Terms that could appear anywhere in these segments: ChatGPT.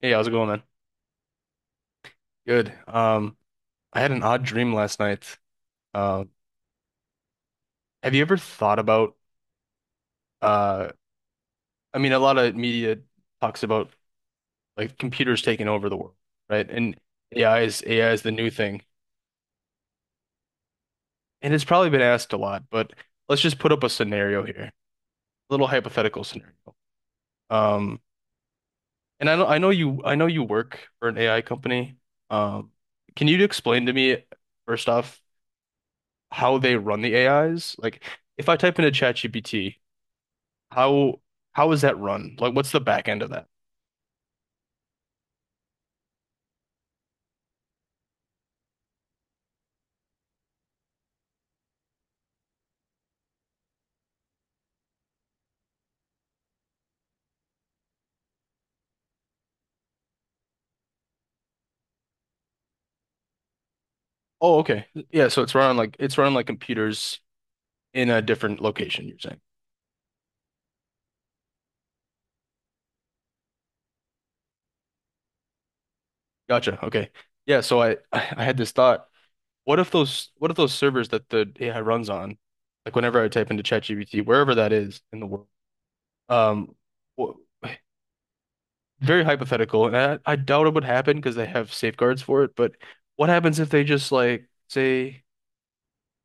Hey, how's it going, man? Good. I had an odd dream last night. Um, have you ever thought about uh I mean a lot of media talks about like computers taking over the world, right? And AI is the new thing. And it's probably been asked a lot, but let's just put up a scenario here. A little hypothetical scenario. Um, and I know you work for an AI company. Um, can you explain to me first off how they run the AIs? Like if I type into ChatGPT. How how is that run? Like, what's the back end of that? Oh, okay. Yeah, so it's run on like computers in a different location, you're saying. Gotcha. Okay. Yeah, so I had this thought. What if those servers that the AI runs on, like whenever I type into ChatGPT, wherever that is in the world, um, wh- very hypothetical, and I doubt it would happen because they have safeguards for it, but what happens if they just like say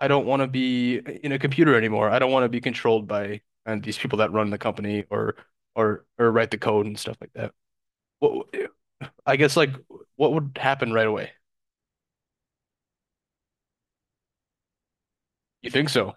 I don't want to be in a computer anymore. I don't want to be controlled by and these people that run the company or write the code and stuff like that. What I guess like what would happen right away? You think so?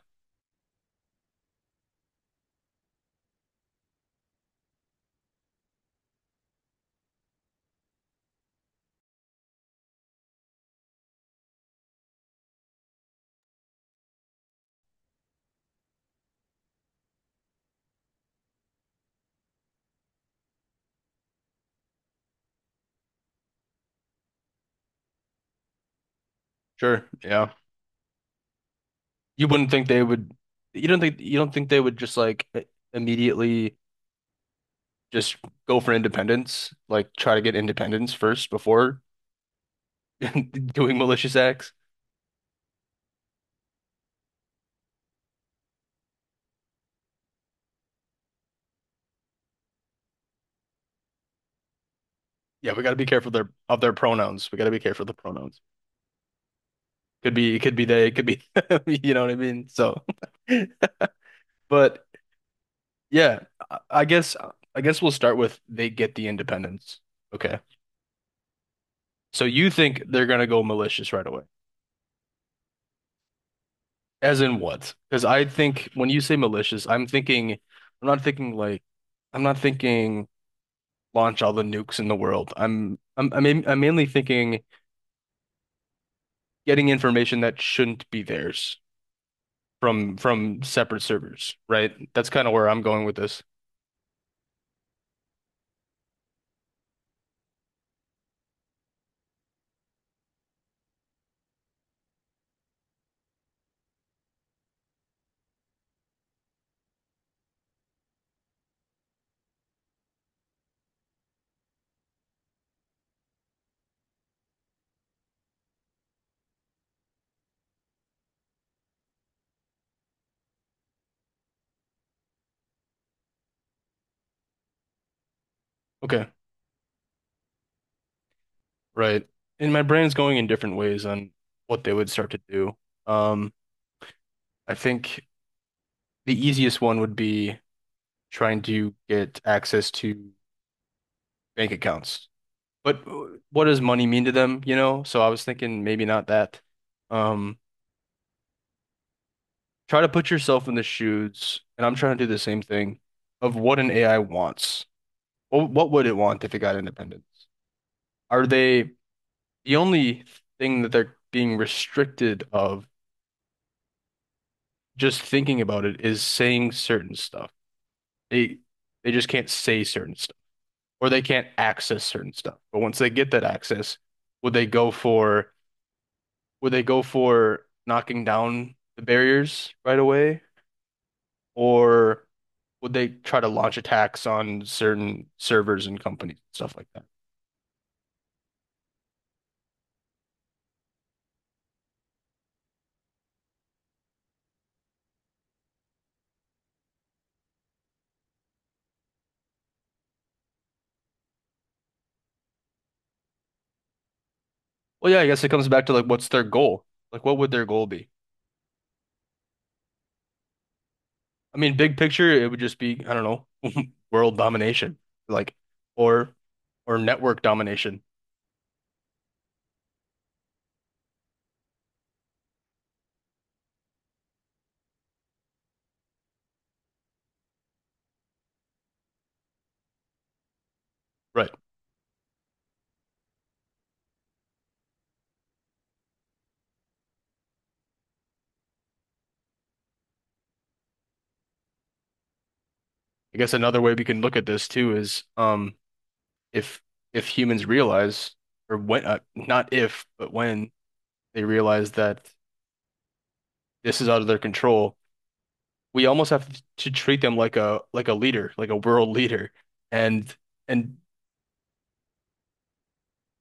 Sure. Yeah. You wouldn't think they would you don't think they would just like immediately just go for independence, like try to get independence first before doing malicious acts? Yeah, we got to be careful their of their pronouns. We got to be careful of the pronouns. Could be, it could be they, it could be, you know what I mean? So, but yeah, I I guess, I guess we'll start with they get the independence. Okay. So you think they're gonna go malicious right away? As in what? Because I think when you say malicious, I'm not thinking like, I'm not thinking launch all the nukes in the world. I'm mainly thinking getting information that shouldn't be theirs from separate servers, right? That's kind of where I'm going with this. Okay. Right. And my brain's going in different ways on what they would start to do. Um, I think the easiest one would be trying to get access to bank accounts. But what does money mean to them, you know? So I was thinking maybe not that. Um, try to put yourself in the shoes, and I'm trying to do the same thing of what an AI wants. What would it want if it got independence? Are they the only thing that they're being restricted of just thinking about it is saying certain stuff. They they just can't say certain stuff or they can't access certain stuff. But once they get that access, would they go for would they go for knocking down the barriers right away or would they try to launch attacks on certain servers and companies and stuff like that? Well, yeah, I guess it comes back to like what's their goal? Like what would their goal be? I mean, big picture, it would just be, I don't know, world domination, like or or network domination. Right. I guess another way we can look at this too is if humans realize or when not if but when they realize that this is out of their control, we almost have to treat them like a leader, like a world leader. And and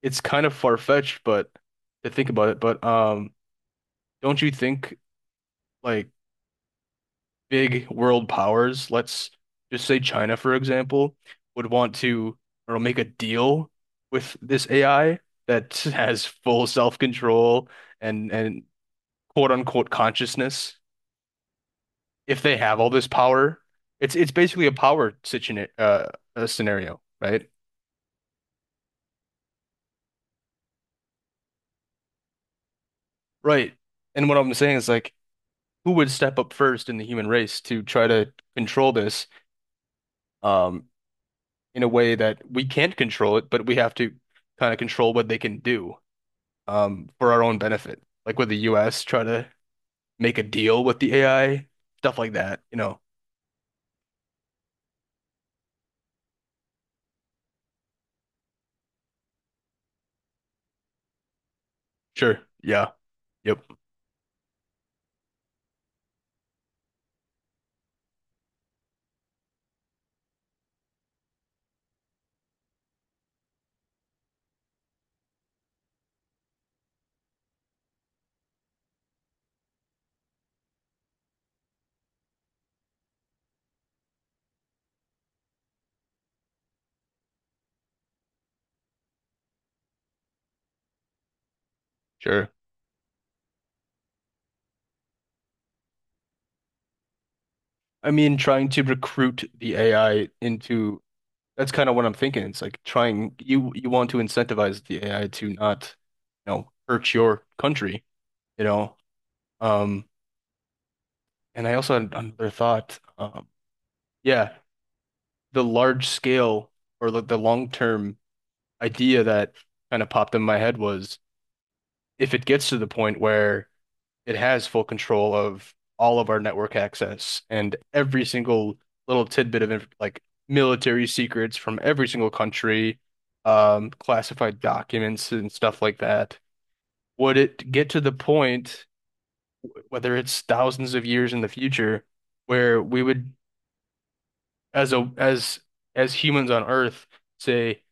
it's kind of far-fetched but to think about it, but don't you think like big world powers, let's just say China, for example, would want to or make a deal with this AI that has full self-control and quote unquote consciousness, if they have all this power, it's basically a power situation scenario, right? Right. And what I'm saying is like who would step up first in the human race to try to control this um in a way that we can't control it, but we have to kind of control what they can do. For our own benefit, like with the US, try to make a deal with the AI, stuff like that, you know. Sure. Yeah. Yep. Sure. I mean, trying to recruit the AI into that's kind of what I'm thinking. It's like trying you want to incentivize the AI to not, you know, hurt your country, you know. Um, and I also had another thought. Yeah, the large scale or the long term idea that kind of popped in my head was if it gets to the point where it has full control of all of our network access and every single little tidbit of like military secrets from every single country, classified documents and stuff like that. Would it get to the point, whether it's thousands of years in the future, where we would, as a as as humans on Earth, say,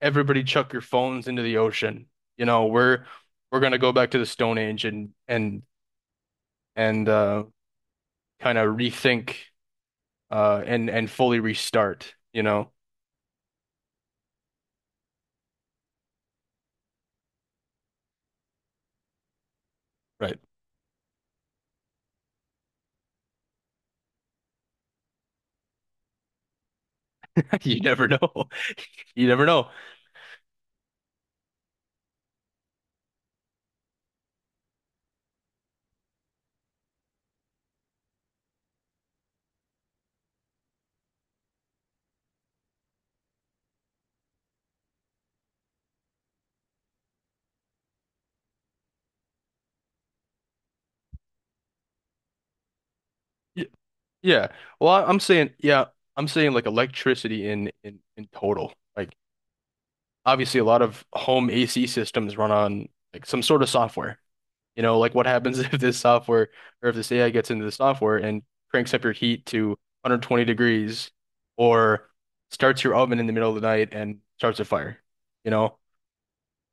everybody chuck your phones into the ocean. You know, we're gonna go back to the Stone Age and kind of rethink and fully restart, you know? Right. You never know. You never know. Y- Yeah. Well, I'm saying, yeah, I'm saying like electricity in in total. Like obviously a lot of home AC systems run on like some sort of software. You know, like what happens if this software or if this AI gets into the software and cranks up your heat to 120 degrees or starts your oven in the middle of the night and starts a fire. You know,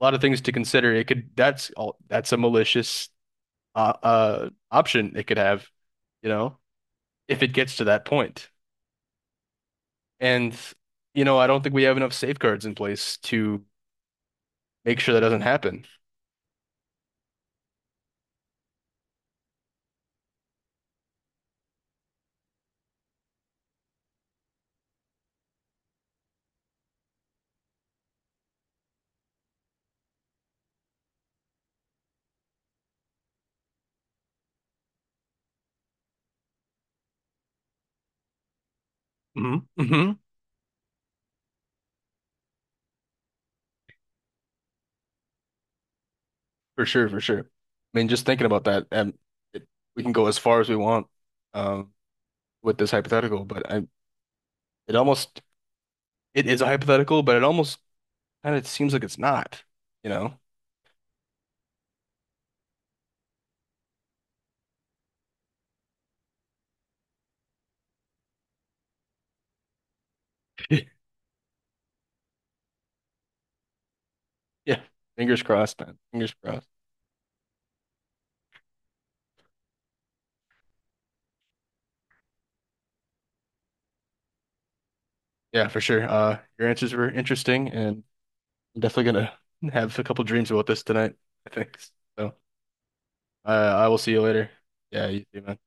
a lot of things to consider. It could that's all that's a malicious option it could have, you know, if it gets to that point. And you know, I don't think we have enough safeguards in place to make sure that doesn't happen. Hmm hmm. For sure, for sure. I mean, just thinking about that, it, we can go as far as we want um with this hypothetical, but I it almost it is a hypothetical, but it almost kind of seems like it's not, you know. Yeah. Fingers crossed, man. Fingers crossed. Yeah, for sure. Your answers were interesting and I'm definitely gonna have a couple dreams about this tonight, I think. So, I will see you later. Yeah, you too, man.